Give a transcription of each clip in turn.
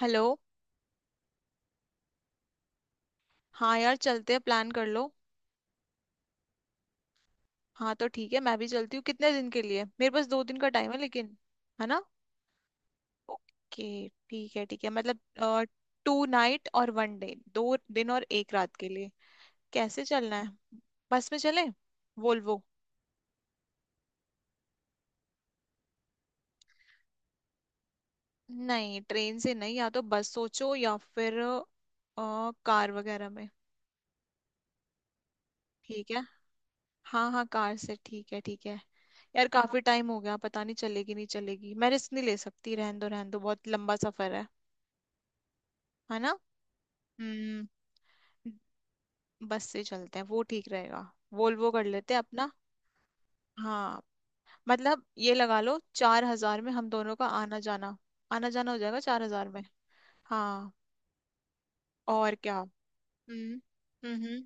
Hello. हाँ यार, चलते हैं, प्लान कर लो। हाँ तो ठीक है, मैं भी चलती हूँ। कितने दिन के लिए? मेरे पास 2 दिन का टाइम है लेकिन। है ना? ओके ठीक है ठीक है, मतलब 2 नाइट और वन डे, 2 दिन और एक रात के लिए। कैसे चलना है? बस में चलें? वोल्वो? नहीं, ट्रेन से नहीं, या तो बस सोचो या फिर कार वगैरह में। ठीक है। हाँ हाँ, कार से, ठीक है ठीक है। यार काफी टाइम हो गया, पता नहीं चलेगी नहीं चलेगी, मैं रिस्क नहीं ले सकती, रहन दो रहन दो, बहुत लंबा सफर है। है ना? हम्म। बस से चलते हैं, वो ठीक रहेगा, वोल्वो कर लेते हैं अपना। हाँ। मतलब ये लगा लो, 4 हजार में हम दोनों का आना जाना। आना जाना हो जाएगा 4 हजार में। हाँ। और क्या। हम्म। हम्म।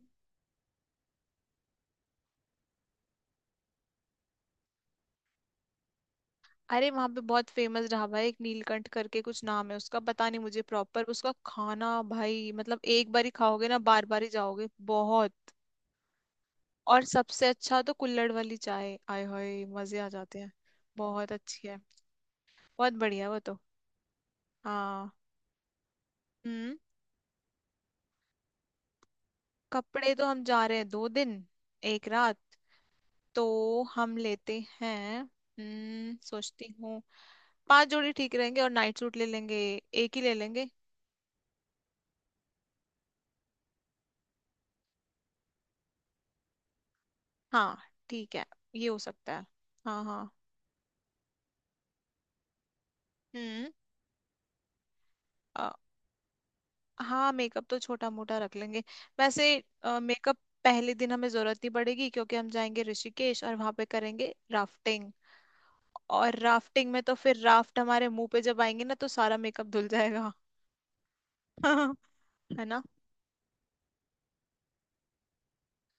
अरे वहां पे बहुत फेमस ढाबा है, एक नीलकंठ करके कुछ नाम है उसका, पता नहीं मुझे प्रॉपर। उसका खाना भाई, मतलब एक बार ही खाओगे ना, बार बार ही जाओगे, बहुत। और सबसे अच्छा तो कुल्हड़ वाली चाय, आय हाय मजे आ जाते हैं। बहुत अच्छी है। बहुत बढ़िया है वो तो। हाँ। हम्म। कपड़े तो हम जा रहे हैं 2 दिन, एक रात। तो हम लेते हैं, सोचती हूँ। 5 जोड़ी ठीक रहेंगे, और नाइट सूट ले लेंगे। एक ही ले लेंगे। हाँ। ठीक है। ये हो सकता है। हाँ हाँ। हम्म। अ, हाँ, मेकअप तो छोटा मोटा रख लेंगे। वैसे मेकअप पहले दिन हमें जरूरत नहीं पड़ेगी, क्योंकि हम जाएंगे ऋषिकेश और वहां पे करेंगे राफ्टिंग। और राफ्टिंग में तो फिर राफ्ट हमारे मुंह पे जब आएंगे ना, तो सारा मेकअप धुल जाएगा। है ना?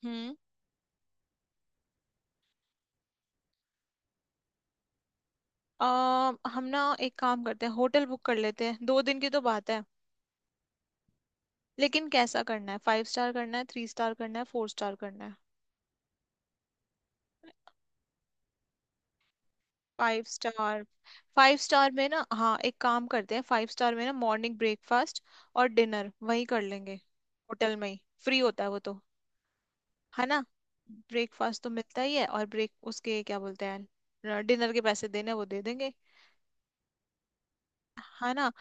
हम्म। अ, हम ना एक काम करते हैं, होटल बुक कर लेते हैं, 2 दिन की तो बात है। लेकिन कैसा करना है, 5 स्टार करना है, 3 स्टार करना है, 4 स्टार करना है? Five star. 5 स्टार में ना, हाँ, एक काम करते हैं, 5 स्टार में ना मॉर्निंग ब्रेकफास्ट और डिनर वहीं कर लेंगे। होटल में ही फ्री होता है वो तो। है ना? ब्रेकफास्ट तो मिलता ही है, और ब्रेक उसके क्या बोलते हैं, डिनर के पैसे देने हैं, वो दे देंगे। है ना?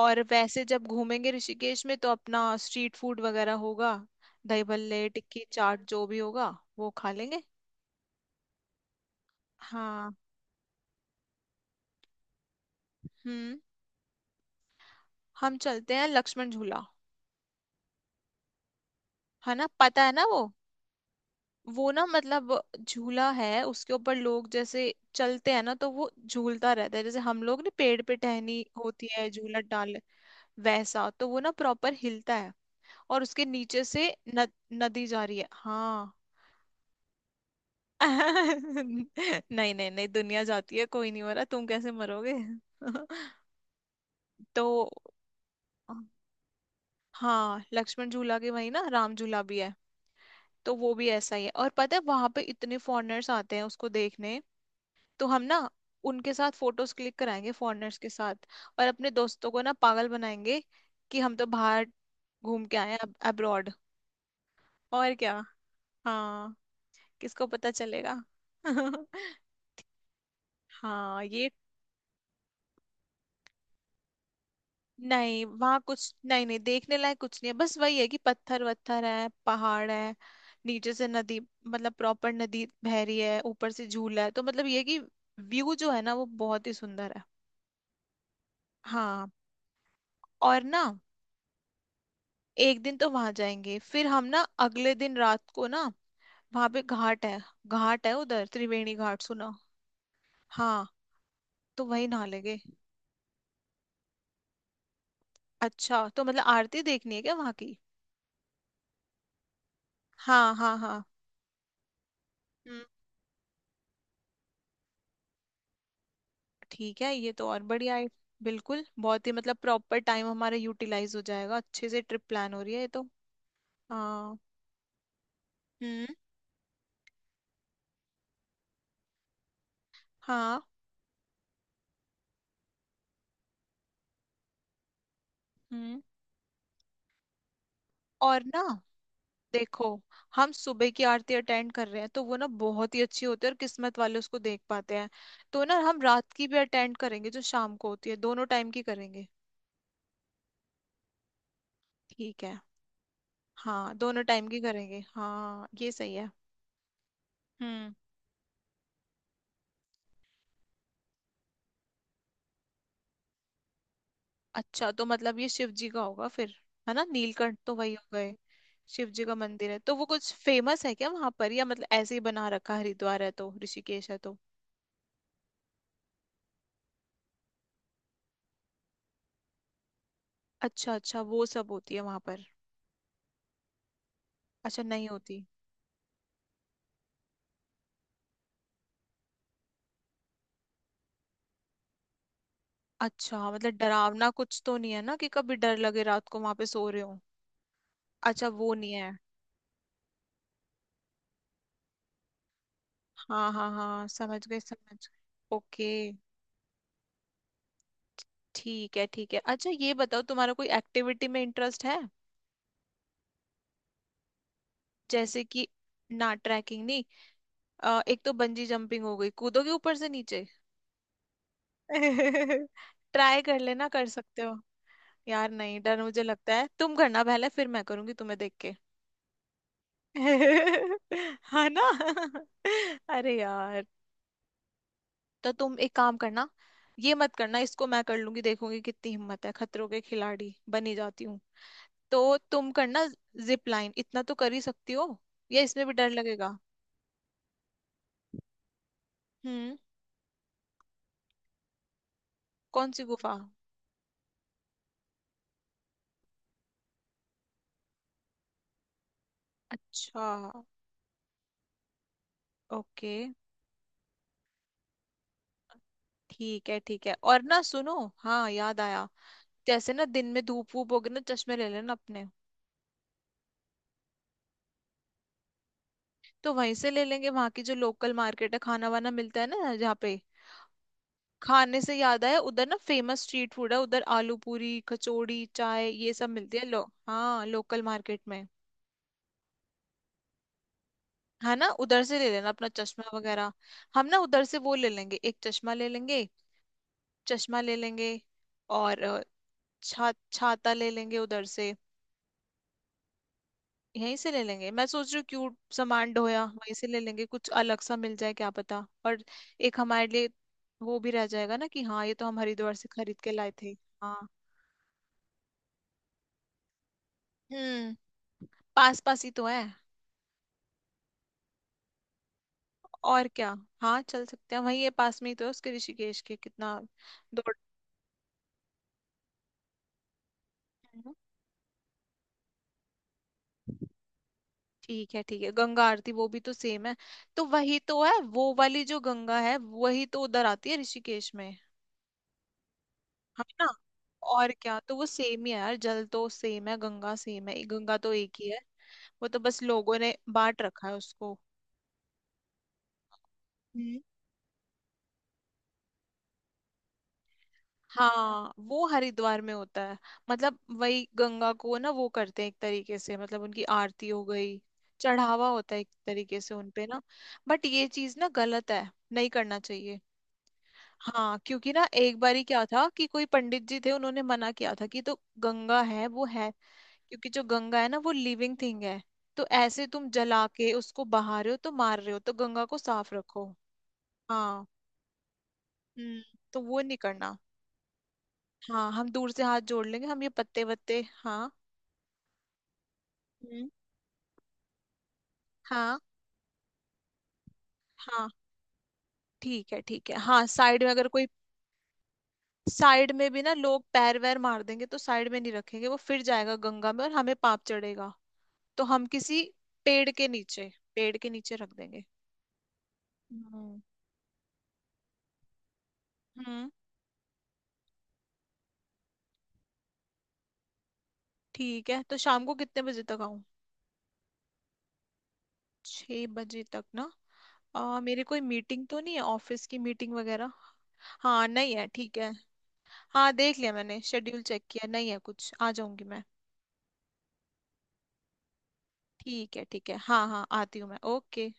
और वैसे जब घूमेंगे ऋषिकेश में, तो अपना स्ट्रीट फूड वगैरह होगा। दही भल्ले टिक्की चाट जो भी होगा वो खा लेंगे। हाँ। हम्म। हम चलते हैं लक्ष्मण झूला। है ना, पता है ना वो? वो ना, मतलब झूला है, उसके ऊपर लोग जैसे चलते हैं ना, तो वो झूलता रहता है। जैसे हम लोग ना पेड़ पे टहनी होती है झूला डाल, वैसा। तो वो ना प्रॉपर हिलता है, और उसके नीचे से न, नदी जा रही है, हाँ। नहीं नहीं नहीं, दुनिया जाती है, कोई नहीं मरा, तुम कैसे मरोगे। तो हाँ, लक्ष्मण झूला के वही ना राम झूला भी है, तो वो भी ऐसा ही है। और पता है वहां पे इतने फॉरेनर्स आते हैं उसको देखने, तो हम ना उनके साथ फोटोज क्लिक कराएंगे, फॉरेनर्स के साथ। और अपने दोस्तों को ना पागल बनाएंगे कि हम तो बाहर घूम के आए हैं, अब्रॉड। और क्या। हाँ। किसको पता चलेगा? हाँ ये। नहीं वहां कुछ नहीं, नहीं देखने लायक कुछ नहीं है, बस वही है कि पत्थर वत्थर है, पहाड़ है, नीचे से नदी। मतलब प्रॉपर नदी बह रही है, ऊपर से झूला है, तो मतलब ये है कि व्यू जो है ना, वो बहुत ही सुंदर है। हाँ। और ना, एक दिन तो वहां जाएंगे, फिर हम ना अगले दिन रात को ना वहां पे घाट है। घाट है उधर, त्रिवेणी घाट सुना। हाँ। तो वही नहा लेंगे। अच्छा, तो मतलब आरती देखनी है क्या वहां की? हाँ हाँ हाँ। ठीक है, ये तो और बढ़िया है। बिल्कुल बहुत ही, मतलब प्रॉपर टाइम हमारा यूटिलाइज हो जाएगा अच्छे से, ट्रिप प्लान हो रही है ये तो। हाँ। हम्म। हाँ। हम्म। और ना देखो, हम सुबह की आरती अटेंड कर रहे हैं, तो वो ना बहुत ही अच्छी होती है और किस्मत वाले उसको देख पाते हैं। तो ना हम रात की भी अटेंड करेंगे, जो शाम को होती है, दोनों टाइम की करेंगे। ठीक है। हाँ दोनों टाइम की करेंगे, हाँ ये सही है। हम्म। अच्छा तो मतलब ये शिव जी का होगा फिर, है ना? नीलकंठ तो वही हो गए। शिव जी का मंदिर है, तो वो कुछ फेमस है क्या वहां पर, या मतलब ऐसे ही बना रखा है, हरिद्वार है तो ऋषिकेश है तो। अच्छा अच्छा, वो सब होती है वहां पर। अच्छा, नहीं होती। अच्छा, मतलब डरावना कुछ तो नहीं है ना, कि कभी डर लगे रात को वहां पे सो रहे हो। अच्छा वो नहीं है। हाँ हाँ हाँ, समझ गए समझ गए, ओके। ठीक है ठीक है। अच्छा ये बताओ, तुम्हारा कोई एक्टिविटी में इंटरेस्ट है? जैसे कि, ना ट्रैकिंग नहीं, एक तो बंजी जंपिंग हो गई, कूदोगे ऊपर से नीचे। ट्राई कर लेना, कर सकते हो। यार नहीं, डर मुझे लगता है, तुम करना पहले, फिर मैं करूंगी तुम्हें देख के। है ना? अरे यार। तो तुम एक काम करना, ये मत करना, इसको मैं कर लूंगी, देखूंगी कितनी हिम्मत है, खतरों के खिलाड़ी बनी जाती हूँ। तो तुम करना जिप लाइन, इतना तो कर ही सकती हो, या इसमें भी डर लगेगा? हम्म। कौन सी गुफा? अच्छा। ओके। ठीक है ठीक है। और ना सुनो, हाँ याद आया, जैसे ना दिन में धूप वूप होगी ना, चश्मे ले लेना अपने। तो वहीं से ले लेंगे, वहां की जो लोकल मार्केट है, खाना वाना मिलता है ना जहाँ पे। खाने से याद आया, उधर ना फेमस स्ट्रीट फूड है, उधर आलू पूरी कचौड़ी चाय ये सब मिलती है, लो। हाँ, लोकल मार्केट में। है ना, उधर से ले लेना अपना चश्मा वगैरह। हम ना उधर से वो ले लेंगे, एक चश्मा ले लेंगे। चश्मा ले लेंगे। और छा छाता ले लेंगे उधर से, यहीं से ले लेंगे। मैं सोच रही हूँ, क्यूट सामान डोया, वहीं से ले लेंगे, कुछ अलग सा मिल जाए क्या पता, और एक हमारे लिए। वो भी रह जाएगा ना कि हाँ, ये तो हम हरिद्वार से खरीद के लाए थे। हाँ। हम्म। पास पास ही तो है। और क्या। हाँ चल सकते हैं, वहीं ये पास में ही तो है उसके, ऋषिकेश के कितना दौड़। हम्म, ठीक है ठीक है, गंगा आरती वो भी तो सेम है। तो वही तो है, वो वाली जो गंगा है, वही तो उधर आती है ऋषिकेश में। है ना? और क्या, तो वो सेम ही है यार, जल तो सेम है, गंगा सेम है, गंगा तो एक ही है। वो तो बस लोगों ने बांट रखा है उसको। हम्म। हाँ, वो हरिद्वार में होता है। मतलब वही गंगा को ना वो करते हैं एक तरीके से, मतलब उनकी आरती हो गई, चढ़ावा होता है एक तरीके से उनपे ना। बट ये चीज ना गलत है, नहीं करना चाहिए। हाँ, क्योंकि ना एक बार ही क्या था कि कोई पंडित जी थे, उन्होंने मना किया था कि, तो गंगा है वो है। क्योंकि जो गंगा है ना, वो लिविंग थिंग है। तो ऐसे तुम जला के उसको बहा रहे हो तो मार रहे हो, तो गंगा को साफ रखो। हाँ। हम्म। तो वो नहीं करना। हाँ, हम दूर से हाथ जोड़ लेंगे, हम ये पत्ते वत्ते, हाँ। हम्म। हाँ हाँ ठीक है ठीक है, हाँ, साइड में, अगर कोई साइड में भी ना, लोग पैर वैर मार देंगे, तो साइड में नहीं रखेंगे, वो फिर जाएगा गंगा में और हमें पाप चढ़ेगा। तो हम किसी पेड़ के नीचे, पेड़ के नीचे रख देंगे। हम्म। हम्म। ठीक है, तो शाम को कितने बजे तक आऊं? 6 बजे तक ना। मेरे कोई मीटिंग तो नहीं है, ऑफिस की मीटिंग वगैरह। हाँ नहीं है, ठीक है। हाँ देख लिया मैंने, शेड्यूल चेक किया, नहीं है कुछ, आ जाऊंगी मैं। ठीक है ठीक है, हाँ हाँ, आती हूँ मैं, ओके।